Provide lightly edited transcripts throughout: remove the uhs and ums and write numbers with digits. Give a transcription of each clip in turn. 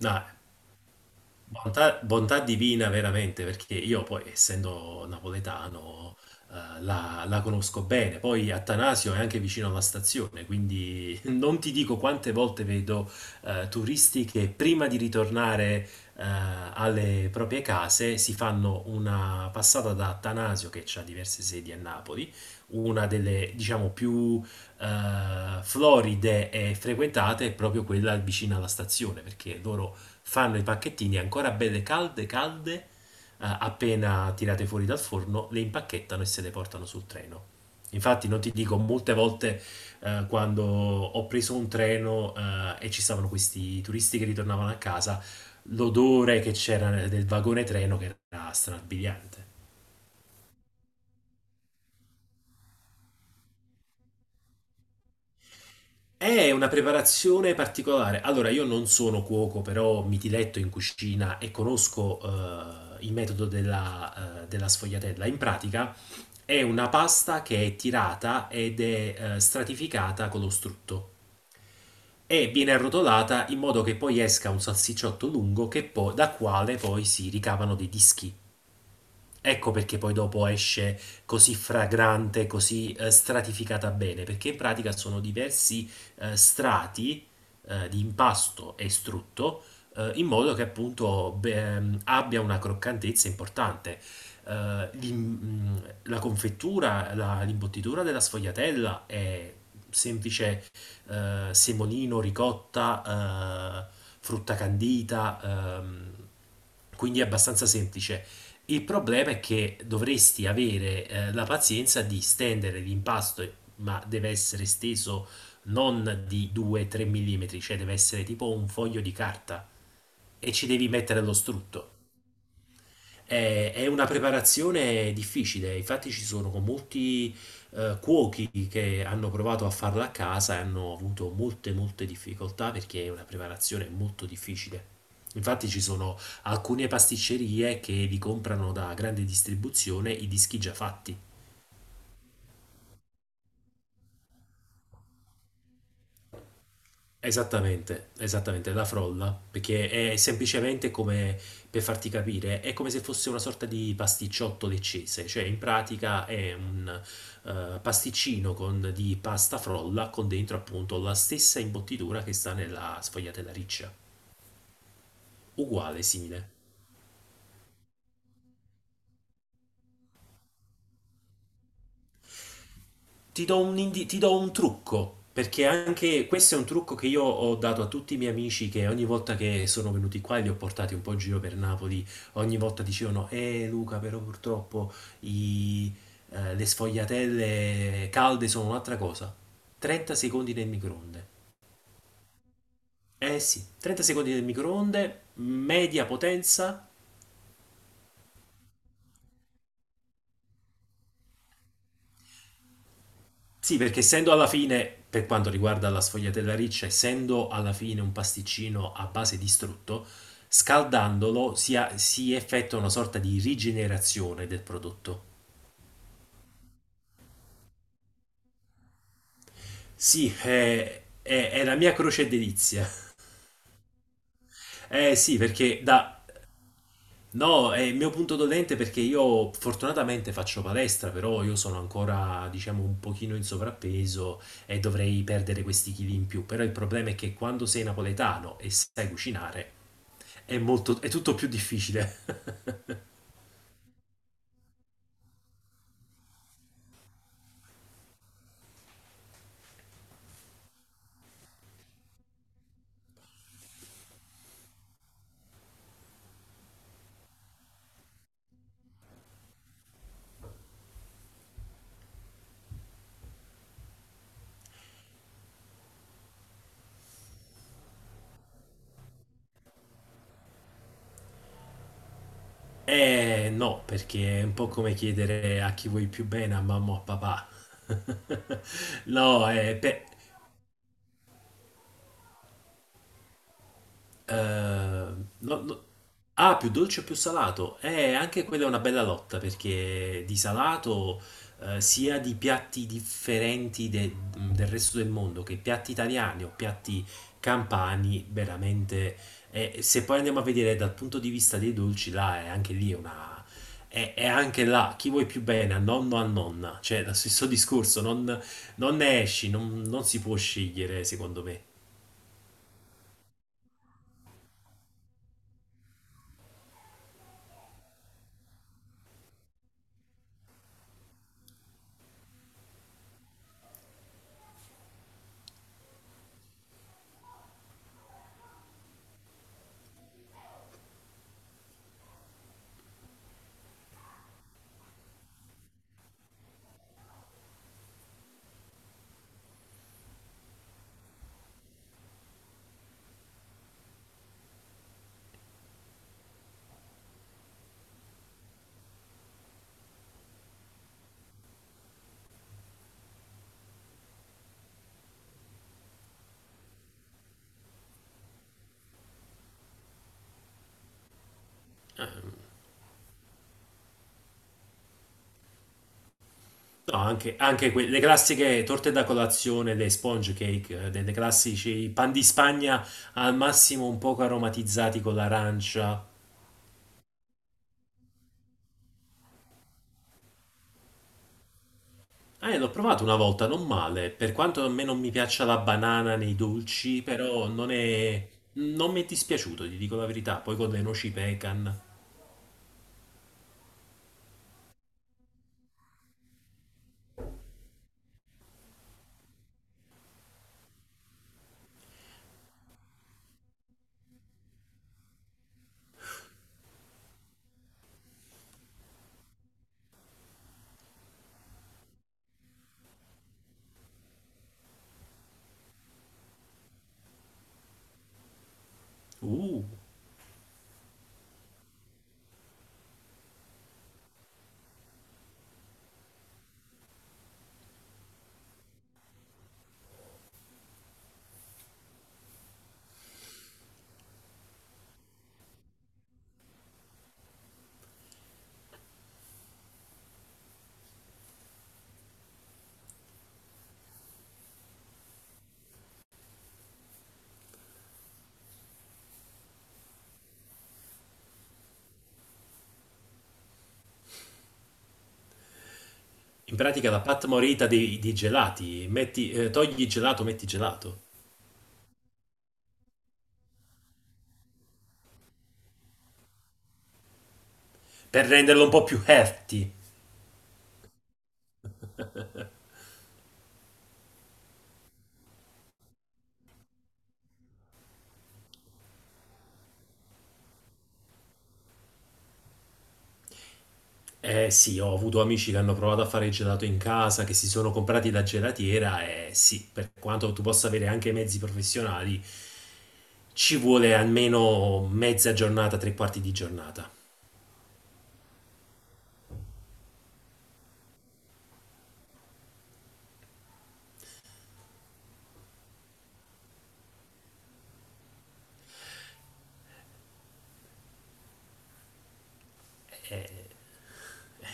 No, bontà, bontà divina veramente, perché io poi, essendo napoletano, la conosco bene. Poi Attanasio è anche vicino alla stazione, quindi non ti dico quante volte vedo turisti che prima di ritornare eh, alle proprie case si fanno una passata da Attanasio, che ha diverse sedi a Napoli. Una delle, diciamo, più floride e frequentate è proprio quella vicina alla stazione, perché loro fanno i pacchettini ancora belle calde, calde, appena tirate fuori dal forno, le impacchettano e se le portano sul treno. Infatti non ti dico, molte volte quando ho preso un treno e ci stavano questi turisti che ritornavano a casa, l'odore che c'era del vagone treno che era strabiliante. È una preparazione particolare. Allora, io non sono cuoco, però mi diletto in cucina e conosco il metodo della sfogliatella. In pratica è una pasta che è tirata ed è stratificata con lo strutto e viene arrotolata in modo che poi esca un salsicciotto lungo da quale poi si ricavano dei dischi. Ecco perché poi dopo esce così fragrante, così stratificata bene, perché in pratica sono diversi strati di impasto e strutto in modo che appunto beh, abbia una croccantezza importante. Eh, l'im- mm, la confettura, l'imbottitura della sfogliatella è semplice: semolino, ricotta, frutta candita, quindi è abbastanza semplice. Il problema è che dovresti avere la pazienza di stendere l'impasto, ma deve essere steso non di 2-3 mm, cioè deve essere tipo un foglio di carta e ci devi mettere lo strutto. È una preparazione difficile, infatti ci sono con molti cuochi che hanno provato a farla a casa e hanno avuto molte molte difficoltà perché è una preparazione molto difficile. Infatti ci sono alcune pasticcerie che vi comprano da grande distribuzione i dischi già fatti. Esattamente, esattamente, la frolla, perché è semplicemente, come per farti capire, è come se fosse una sorta di pasticciotto leccese, cioè in pratica è un pasticcino di pasta frolla con dentro appunto la stessa imbottitura che sta nella sfogliatella riccia, uguale, simile. Ti do un trucco, perché anche questo è un trucco che io ho dato a tutti i miei amici che ogni volta che sono venuti qua e li ho portati un po' in giro per Napoli. Ogni volta dicevano: Luca, però purtroppo i- le sfogliatelle calde sono un'altra cosa. 30 secondi nel microonde. Eh sì, 30 secondi nel microonde, media potenza. Sì, perché essendo alla fine, per quanto riguarda la sfogliatella riccia, essendo alla fine un pasticcino a base di strutto, scaldandolo si effettua una sorta di rigenerazione del prodotto. Sì, è la mia croce e delizia. Eh sì, perché da No, è il mio punto dolente perché io fortunatamente faccio palestra, però io sono ancora, diciamo, un pochino in sovrappeso e dovrei perdere questi chili in più. Però il problema è che quando sei napoletano e sai cucinare, è tutto più difficile. Eh no, perché è un po' come chiedere a chi vuoi più bene, a mamma o a papà. No, è, pe- no- no- ah, più dolce o più salato? Anche quella è una bella lotta perché di salato, sia di piatti differenti del resto del mondo, che piatti italiani o piatti campani, veramente. Se poi andiamo a vedere dal punto di vista dei dolci, là è anche lì una. È anche là chi vuoi più bene, a nonno o a nonna, cioè lo stesso discorso, non ne esci, non si può scegliere, secondo me. No, anche le classiche torte da colazione, le sponge cake, delle classici pan di Spagna al massimo un poco aromatizzati con l'arancia. L'ho provato una volta, non male. Per quanto a me non mi piaccia la banana nei dolci, però non mi è dispiaciuto, ti dico la verità. Poi con le noci pecan. Uh, in pratica la pat morita dei gelati. Metti, togli il gelato, metti gelato. Per renderlo un po' più healthy. Eh sì, ho avuto amici che hanno provato a fare il gelato in casa, che si sono comprati la gelatiera, e sì, per quanto tu possa avere anche i mezzi professionali, ci vuole almeno mezza giornata, tre quarti di giornata.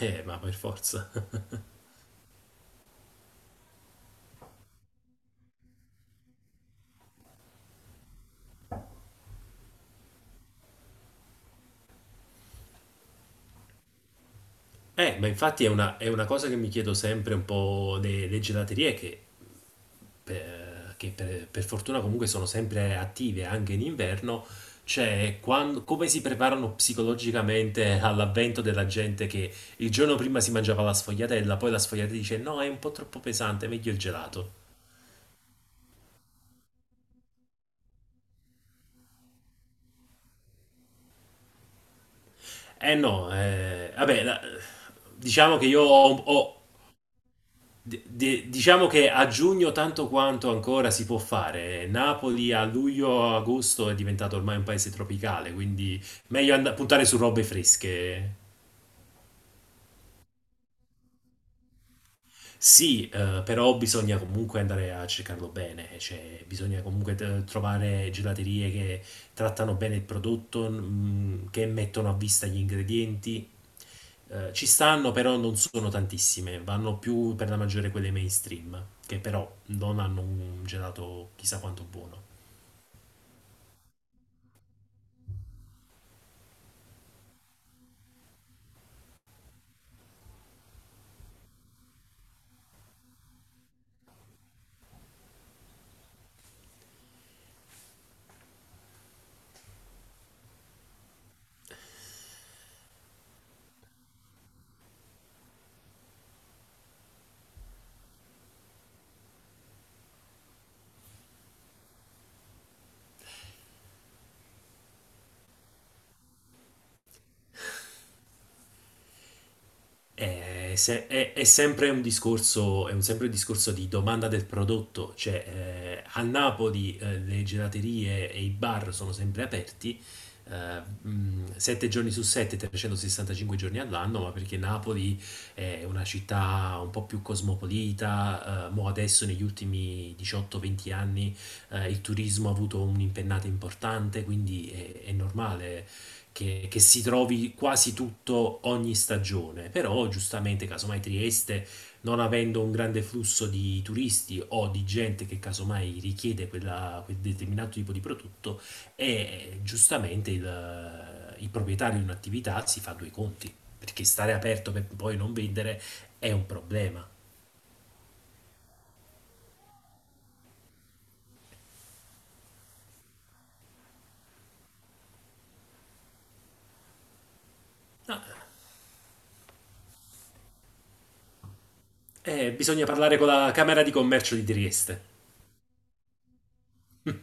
Ma per forza. Ma infatti è una cosa che mi chiedo sempre un po' le gelaterie, per fortuna comunque sono sempre attive anche in inverno, cioè come si preparano psicologicamente all'avvento della gente che il giorno prima si mangiava la sfogliatella, poi la sfogliatella dice no, è un po' troppo pesante, meglio il gelato. Eh no, vabbè, diciamo che io ho, ho- di- diciamo che a giugno tanto quanto ancora si può fare. Napoli a luglio, agosto è diventato ormai un paese tropicale, quindi meglio puntare su robe fresche. Sì, però bisogna comunque andare a cercarlo bene, cioè bisogna comunque trovare gelaterie che trattano bene il prodotto, che mettono a vista gli ingredienti. Ci stanno, però non sono tantissime, vanno più per la maggiore quelle mainstream, che però non hanno un gelato chissà quanto buono. È, se- è sempre un discorso di domanda del prodotto, cioè a Napoli le gelaterie e i bar sono sempre aperti, eh, 7 giorni su 7, 365 giorni all'anno, ma perché Napoli è una città un po' più cosmopolita. Mo adesso negli ultimi 18-20 anni il turismo ha avuto un'impennata importante, quindi è normale che si trovi quasi tutto ogni stagione. Però giustamente casomai Trieste, non avendo un grande flusso di turisti o di gente che casomai richiede quel determinato tipo di prodotto, e giustamente il proprietario di un'attività si fa due conti, perché stare aperto per poi non vendere è un problema. Ah, bisogna parlare con la Camera di Commercio di Trieste.